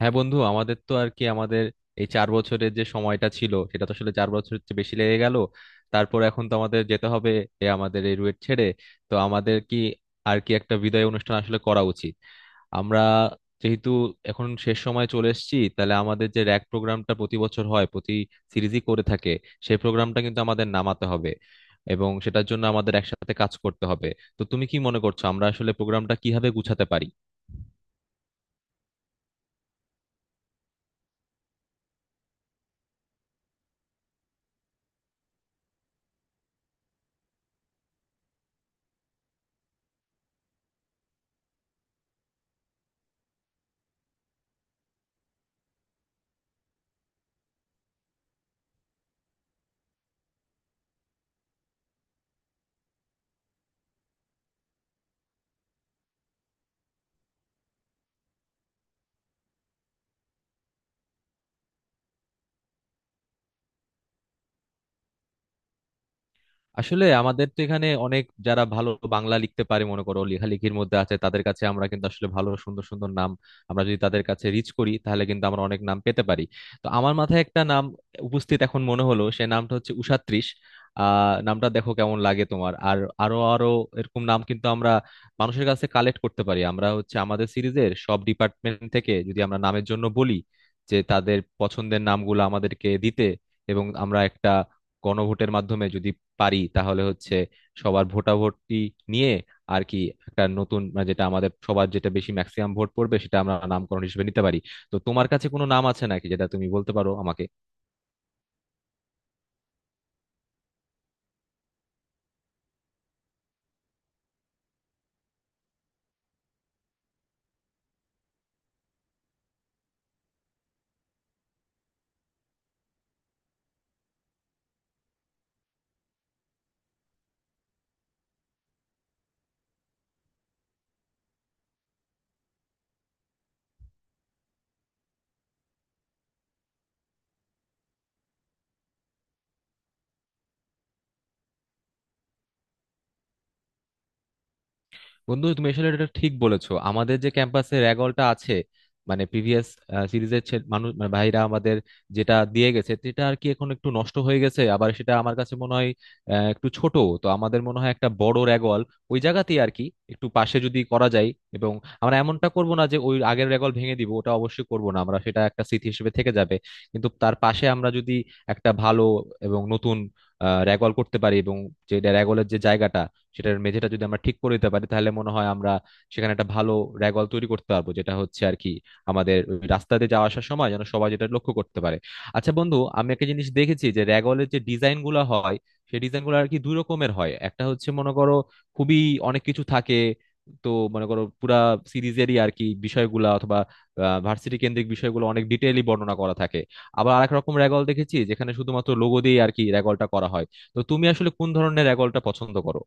হ্যাঁ বন্ধু, আমাদের তো আর কি আমাদের এই চার বছরের যে সময়টা ছিল, সেটা তো আসলে চার বছরের চেয়ে বেশি লেগে গেল। তারপর এখন তো আমাদের যেতে হবে, এ আমাদের এই রুয়েট ছেড়ে। তো আমাদের কি আর কি একটা বিদায় অনুষ্ঠান আসলে করা উচিত। আমরা যেহেতু এখন শেষ সময় চলে এসেছি, তাহলে আমাদের যে র্যাক প্রোগ্রামটা প্রতি বছর হয়, প্রতি সিরিজই করে থাকে, সেই প্রোগ্রামটা কিন্তু আমাদের নামাতে হবে, এবং সেটার জন্য আমাদের একসাথে কাজ করতে হবে। তো তুমি কি মনে করছো, আমরা আসলে প্রোগ্রামটা কিভাবে গুছাতে পারি? আসলে আমাদের তো এখানে অনেক যারা ভালো বাংলা লিখতে পারে, মনে করো লেখালেখির মধ্যে আছে, তাদের কাছে আমরা কিন্তু আসলে ভালো সুন্দর সুন্দর নাম, আমরা যদি তাদের কাছে রিচ করি, তাহলে কিন্তু আমরা অনেক নাম পেতে পারি। তো আমার মাথায় একটা নাম উপস্থিত এখন মনে হলো, সে নামটা হচ্ছে উষাত্রিশ। নামটা দেখো কেমন লাগে তোমার। আর আরো আরো এরকম নাম কিন্তু আমরা মানুষের কাছে কালেক্ট করতে পারি। আমরা হচ্ছে আমাদের সিরিজের সব ডিপার্টমেন্ট থেকে যদি আমরা নামের জন্য বলি যে তাদের পছন্দের নামগুলো আমাদেরকে দিতে, এবং আমরা একটা গণভোটের মাধ্যমে যদি পারি, তাহলে হচ্ছে সবার ভোটাভুটি নিয়ে আর কি একটা নতুন, মানে যেটা আমাদের সবার, যেটা বেশি ম্যাক্সিমাম ভোট পড়বে, সেটা আমরা নামকরণ হিসেবে নিতে পারি। তো তোমার কাছে কোনো নাম আছে নাকি, যেটা তুমি বলতে পারো আমাকে? বন্ধু, তুমি আসলে এটা ঠিক বলেছো, আমাদের যে ক্যাম্পাসে র্যাগলটা আছে, মানে প্রিভিয়াস সিরিজের মানুষ, মানে ভাইরা আমাদের যেটা দিয়ে গেছে, সেটা আর কি এখন একটু নষ্ট হয়ে গেছে, আবার সেটা আমার কাছে মনে হয় একটু ছোট। তো আমাদের মনে হয় একটা বড় র্যাগল ওই জায়গাতেই আর কি একটু পাশে যদি করা যায়, এবং আমরা এমনটা করব না যে ওই আগের র্যাগল ভেঙে দিব, ওটা অবশ্যই করব না আমরা, সেটা একটা স্মৃতি হিসেবে থেকে যাবে। কিন্তু তার পাশে আমরা যদি একটা ভালো এবং নতুন র্যাগল করতে পারি, এবং যে র্যাগলের যে জায়গাটা, সেটার মেঝেটা যদি আমরা ঠিক করে দিতে পারি, তাহলে মনে হয় আমরা সেখানে একটা ভালো র্যাগল তৈরি করতে পারবো, যেটা হচ্ছে আর কি আমাদের ওই রাস্তাতে যাওয়া আসার সময় যেন সবাই যেটা লক্ষ্য করতে পারে। আচ্ছা বন্ধু, আমি একটা জিনিস দেখেছি যে র্যাগলের যে ডিজাইন গুলা হয়, সেই ডিজাইন গুলো আর কি দুই রকমের হয়। একটা হচ্ছে মনে করো খুবই অনেক কিছু থাকে, তো মনে করো পুরা সিরিজেরই আর কি বিষয়গুলা অথবা ভার্সিটি কেন্দ্রিক বিষয়গুলো অনেক ডিটেইলি বর্ণনা করা থাকে। আবার আরেক রকম র্যাগল দেখেছি যেখানে শুধুমাত্র লোগো দিয়ে আর কি র্যাগলটা করা হয়। তো তুমি আসলে কোন ধরনের র্যাগলটা পছন্দ করো?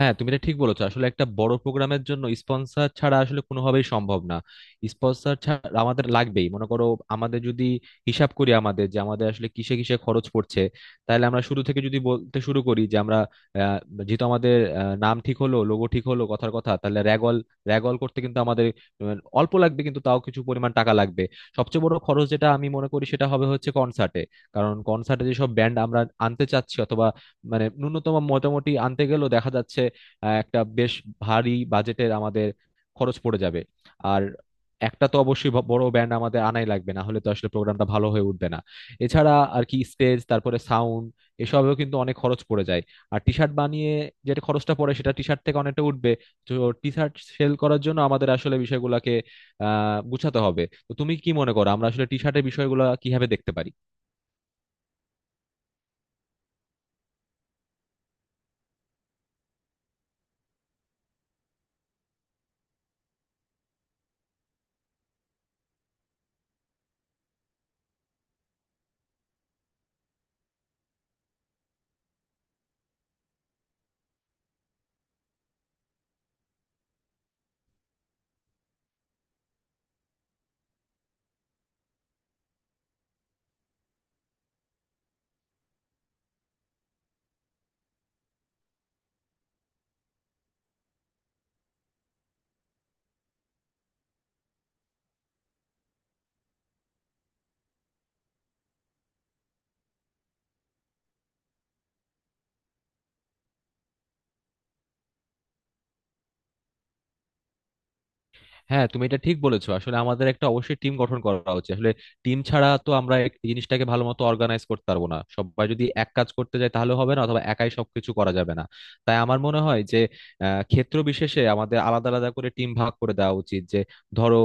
হ্যাঁ তুমি এটা ঠিক বলেছো, আসলে একটা বড় প্রোগ্রামের জন্য স্পন্সর ছাড়া আসলে কোনোভাবেই সম্ভব না। স্পন্সর ছাড়া আমাদের লাগবেই মনে করো। আমাদের যদি হিসাব করি আমাদের যে, আমাদের আসলে কিসে কিসে খরচ পড়ছে, তাহলে আমরা শুরু থেকে যদি বলতে শুরু করি যে আমরা, আহ, যেহেতু আমাদের নাম ঠিক হলো, লোগো ঠিক হলো কথার কথা, তাহলে র্যাগল, র্যাগল করতে কিন্তু আমাদের আহ, অল্প লাগবে, কিন্তু তাও কিছু পরিমাণ টাকা লাগবে। সবচেয়ে বড় খরচ যেটা আমি মনে করি, সেটা হবে হচ্ছে কনসার্টে। কারণ কনসার্টে যেসব ব্যান্ড আমরা আনতে চাচ্ছি, অথবা মানে ন্যূনতম মোটামুটি আনতে গেলেও দেখা যাচ্ছে একটা বেশ ভারী বাজেটের আমাদের খরচ পড়ে যাবে। আর একটা তো অবশ্যই বড় ব্যান্ড আমাদের আনাই লাগবে, না হলে তো আসলে প্রোগ্রামটা ভালো হয়ে উঠবে না। এছাড়া আর কি স্টেজ, তারপরে সাউন্ড, এসবেও কিন্তু অনেক খরচ পড়ে যায়। আর টি শার্ট বানিয়ে যেটা খরচটা পড়ে, সেটা টি শার্ট থেকে অনেকটা উঠবে। তো টি শার্ট সেল করার জন্য আমাদের আসলে বিষয়গুলোকে গুছাতে হবে। তো তুমি কি মনে করো, আমরা আসলে টি শার্টের বিষয়গুলো কিভাবে দেখতে পারি? হ্যাঁ তুমি এটা ঠিক বলেছো, আসলে আমাদের একটা অবশ্যই টিম গঠন করা উচিত। আসলে টিম ছাড়া তো আমরা এই জিনিসটাকে ভালো মতো অর্গানাইজ করতে পারবো না। সবাই যদি এক কাজ করতে যায় তাহলে হবে না, অথবা একাই সবকিছু করা যাবে না। তাই আমার মনে হয় যে ক্ষেত্র বিশেষে আমাদের আলাদা আলাদা করে টিম ভাগ করে দেওয়া উচিত। যে ধরো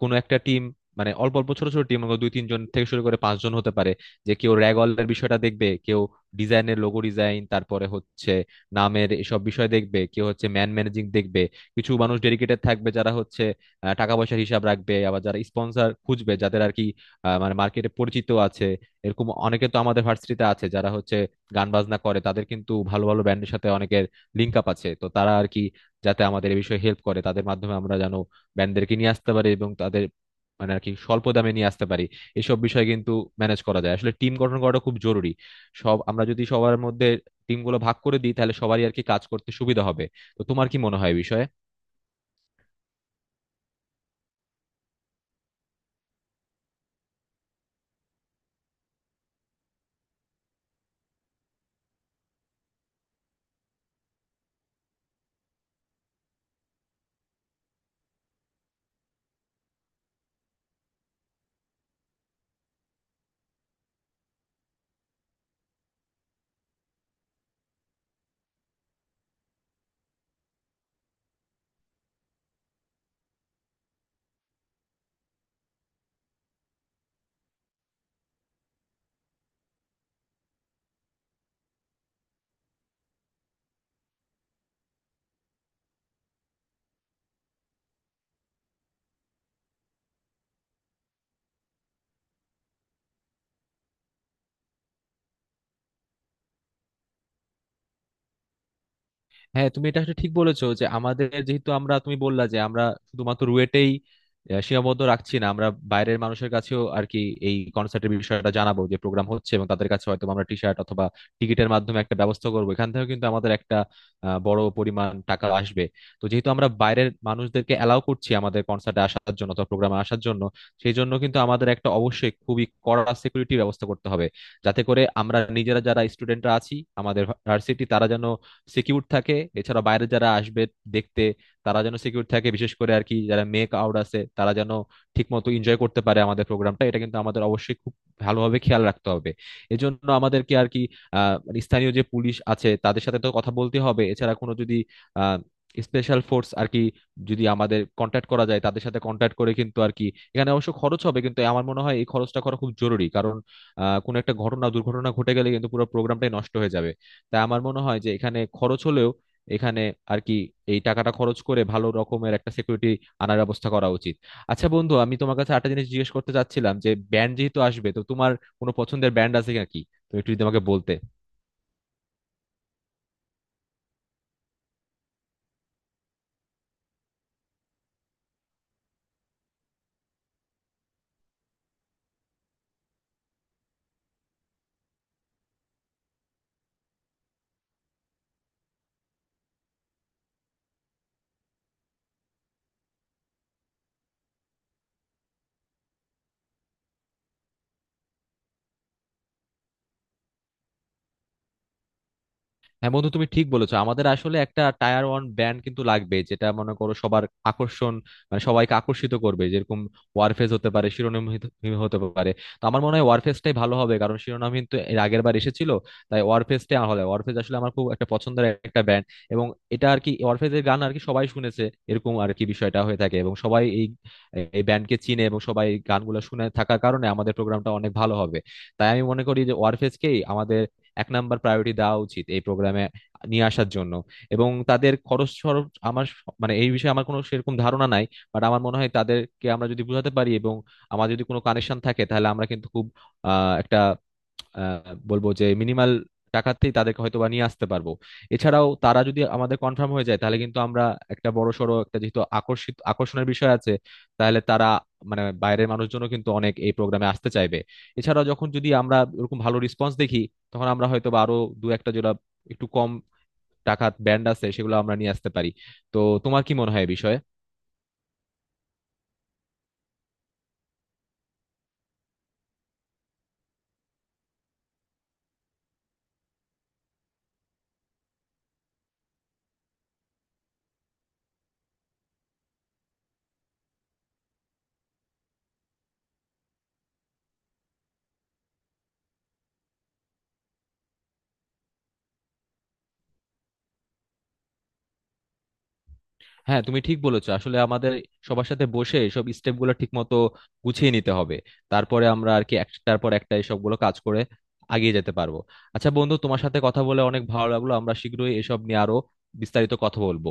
কোনো একটা টিম, মানে অল্প অল্প ছোট ছোট টিম, দুই তিনজন থেকে শুরু করে পাঁচজন হতে পারে। যে কেউ র্যাগলের বিষয়টা দেখবে, কেউ ডিজাইনের, লোগো ডিজাইন, তারপরে হচ্ছে নামের এসব বিষয় দেখবে, কেউ হচ্ছে ম্যানেজিং দেখবে। কিছু মানুষ ডেডিকেটেড থাকবে যারা হচ্ছে টাকা পয়সার হিসাব রাখবে, আবার যারা স্পন্সর খুঁজবে, যাদের আর কি মানে মার্কেটে পরিচিত আছে। এরকম অনেকে তো আমাদের ভার্সিটিতে আছে যারা হচ্ছে গান বাজনা করে, তাদের কিন্তু ভালো ভালো ব্যান্ডের সাথে অনেকের লিঙ্ক আপ আছে। তো তারা আর কি, যাতে আমাদের এই বিষয়ে হেল্প করে, তাদের মাধ্যমে আমরা যেন ব্যান্ডদেরকে নিয়ে আসতে পারি এবং তাদের মানে আর কি স্বল্প দামে নিয়ে আসতে পারি। এসব বিষয় কিন্তু ম্যানেজ করা যায়। আসলে টিম গঠন করাটা খুব জরুরি। সব আমরা যদি সবার মধ্যে টিমগুলো ভাগ করে দিই, তাহলে সবারই আর কি কাজ করতে সুবিধা হবে। তো তোমার কি মনে হয় এই বিষয়ে? হ্যাঁ তুমি এটা আসলে ঠিক বলেছো যে, আমাদের যেহেতু আমরা, তুমি বললা যে আমরা শুধুমাত্র রুয়েটেই সীমাবদ্ধ রাখছি না, আমরা বাইরের মানুষের কাছেও আর কি এই কনসার্টের বিষয়টা জানাবো যে প্রোগ্রাম হচ্ছে, এবং তাদের কাছে হয়তো আমরা টি শার্ট অথবা টিকিটের মাধ্যমে একটা ব্যবস্থা করবো, এখান থেকেও কিন্তু আমাদের একটা বড় পরিমাণ টাকা আসবে। তো যেহেতু আমরা বাইরের মানুষদেরকে অ্যালাউ করছি আমাদের কনসার্টে আসার জন্য অথবা প্রোগ্রামে আসার জন্য, সেই জন্য কিন্তু আমাদের একটা অবশ্যই খুবই কড়া সিকিউরিটি ব্যবস্থা করতে হবে, যাতে করে আমরা নিজেরা যারা স্টুডেন্টরা আছি, আমাদের ভার্সিটি, তারা যেন সিকিউর থাকে। এছাড়া বাইরে যারা আসবে দেখতে, তারা যেন সিকিউর থাকে, বিশেষ করে আর কি যারা মেক আউট আছে, তারা যেন ঠিক মতো এনজয় করতে পারে আমাদের প্রোগ্রামটা। এটা কিন্তু আমাদের অবশ্যই খুব ভালোভাবে খেয়াল রাখতে হবে। এজন্য আমাদেরকে আর কি মানে স্থানীয় যে পুলিশ আছে, তাদের সাথে তো কথা বলতে হবে। এছাড়া কোনো যদি আহ স্পেশাল ফোর্স আর কি যদি আমাদের কন্ট্যাক্ট করা যায়, তাদের সাথে কন্ট্যাক্ট করে কিন্তু আর কি, এখানে অবশ্য খরচ হবে, কিন্তু আমার মনে হয় এই খরচটা করা খুব জরুরি। কারণ কোনো একটা ঘটনা দুর্ঘটনা ঘটে গেলে কিন্তু পুরো প্রোগ্রামটাই নষ্ট হয়ে যাবে। তাই আমার মনে হয় যে এখানে খরচ হলেও, এখানে আর কি এই টাকাটা খরচ করে ভালো রকমের একটা সিকিউরিটি আনার ব্যবস্থা করা উচিত। আচ্ছা বন্ধু, আমি তোমার কাছে একটা জিনিস জিজ্ঞেস করতে চাচ্ছিলাম, যে ব্যান্ড যেহেতু আসবে, তো তোমার কোনো পছন্দের ব্যান্ড আছে নাকি? তুমি একটু যদি আমাকে বলতে। হ্যাঁ বন্ধু, তুমি ঠিক বলেছো, আমাদের আসলে একটা টায়ার ওয়ান ব্যান্ড কিন্তু লাগবে, যেটা মনে করো সবার আকর্ষণ, মানে সবাইকে আকর্ষিত করবে। যেরকম ওয়ারফেজ হতে পারে, শিরোনামহীন হতে পারে। তো আমার মনে হয় ওয়ারফেজটাই ভালো হবে, কারণ শিরোনামহীন তো এর আগের বার এসেছিল। তাই ওয়ারফেজটাই আমার ভালো হয়। ওয়ারফেজ আসলে আমার খুব একটা পছন্দের একটা ব্যান্ড, এবং এটা আর কি ওয়ারফেজের গান আর কি সবাই শুনেছে, এরকম আর কি বিষয়টা হয়ে থাকে, এবং সবাই এই এই ব্যান্ডকে চিনে, এবং সবাই এই গানগুলো শুনে থাকার কারণে আমাদের প্রোগ্রামটা অনেক ভালো হবে। তাই আমি মনে করি যে ওয়ারফেজকেই আমাদের এক নাম্বার প্রায়োরিটি দেওয়া উচিত এই প্রোগ্রামে নিয়ে আসার জন্য। এবং তাদের খরচ খরচ আমার মানে এই বিষয়ে আমার কোনো সেরকম ধারণা নাই। বাট আমার মনে হয় তাদেরকে আমরা যদি বোঝাতে পারি, এবং আমার যদি কোনো কানেকশন থাকে, তাহলে আমরা কিন্তু খুব আহ, একটা আহ, বলবো যে মিনিমাল টাকাতেই তাদেরকে হয়তো বা নিয়ে আসতে পারবো। এছাড়াও তারা যদি আমাদের কনফার্ম হয়ে যায়, তাহলে কিন্তু আমরা একটা বড় সড়ো একটা, যেহেতু আকর্ষণের বিষয় আছে, তাহলে তারা, মানে বাইরের মানুষজনও কিন্তু অনেক এই প্রোগ্রামে আসতে চাইবে। এছাড়াও যখন যদি আমরা এরকম ভালো রেসপন্স দেখি, তখন আমরা হয়তো বা আরো দু একটা যেটা একটু কম টাকা ব্যান্ড আছে সেগুলো আমরা নিয়ে আসতে পারি। তো তোমার কি মনে হয় এই বিষয়ে? হ্যাঁ তুমি ঠিক বলেছো, আসলে আমাদের সবার সাথে বসে সব স্টেপ গুলো ঠিক মতো গুছিয়ে নিতে হবে। তারপরে আমরা আর কি একটার পর একটা এসব গুলো কাজ করে এগিয়ে যেতে পারবো। আচ্ছা বন্ধু, তোমার সাথে কথা বলে অনেক ভালো লাগলো, আমরা শীঘ্রই এসব নিয়ে আরো বিস্তারিত কথা বলবো।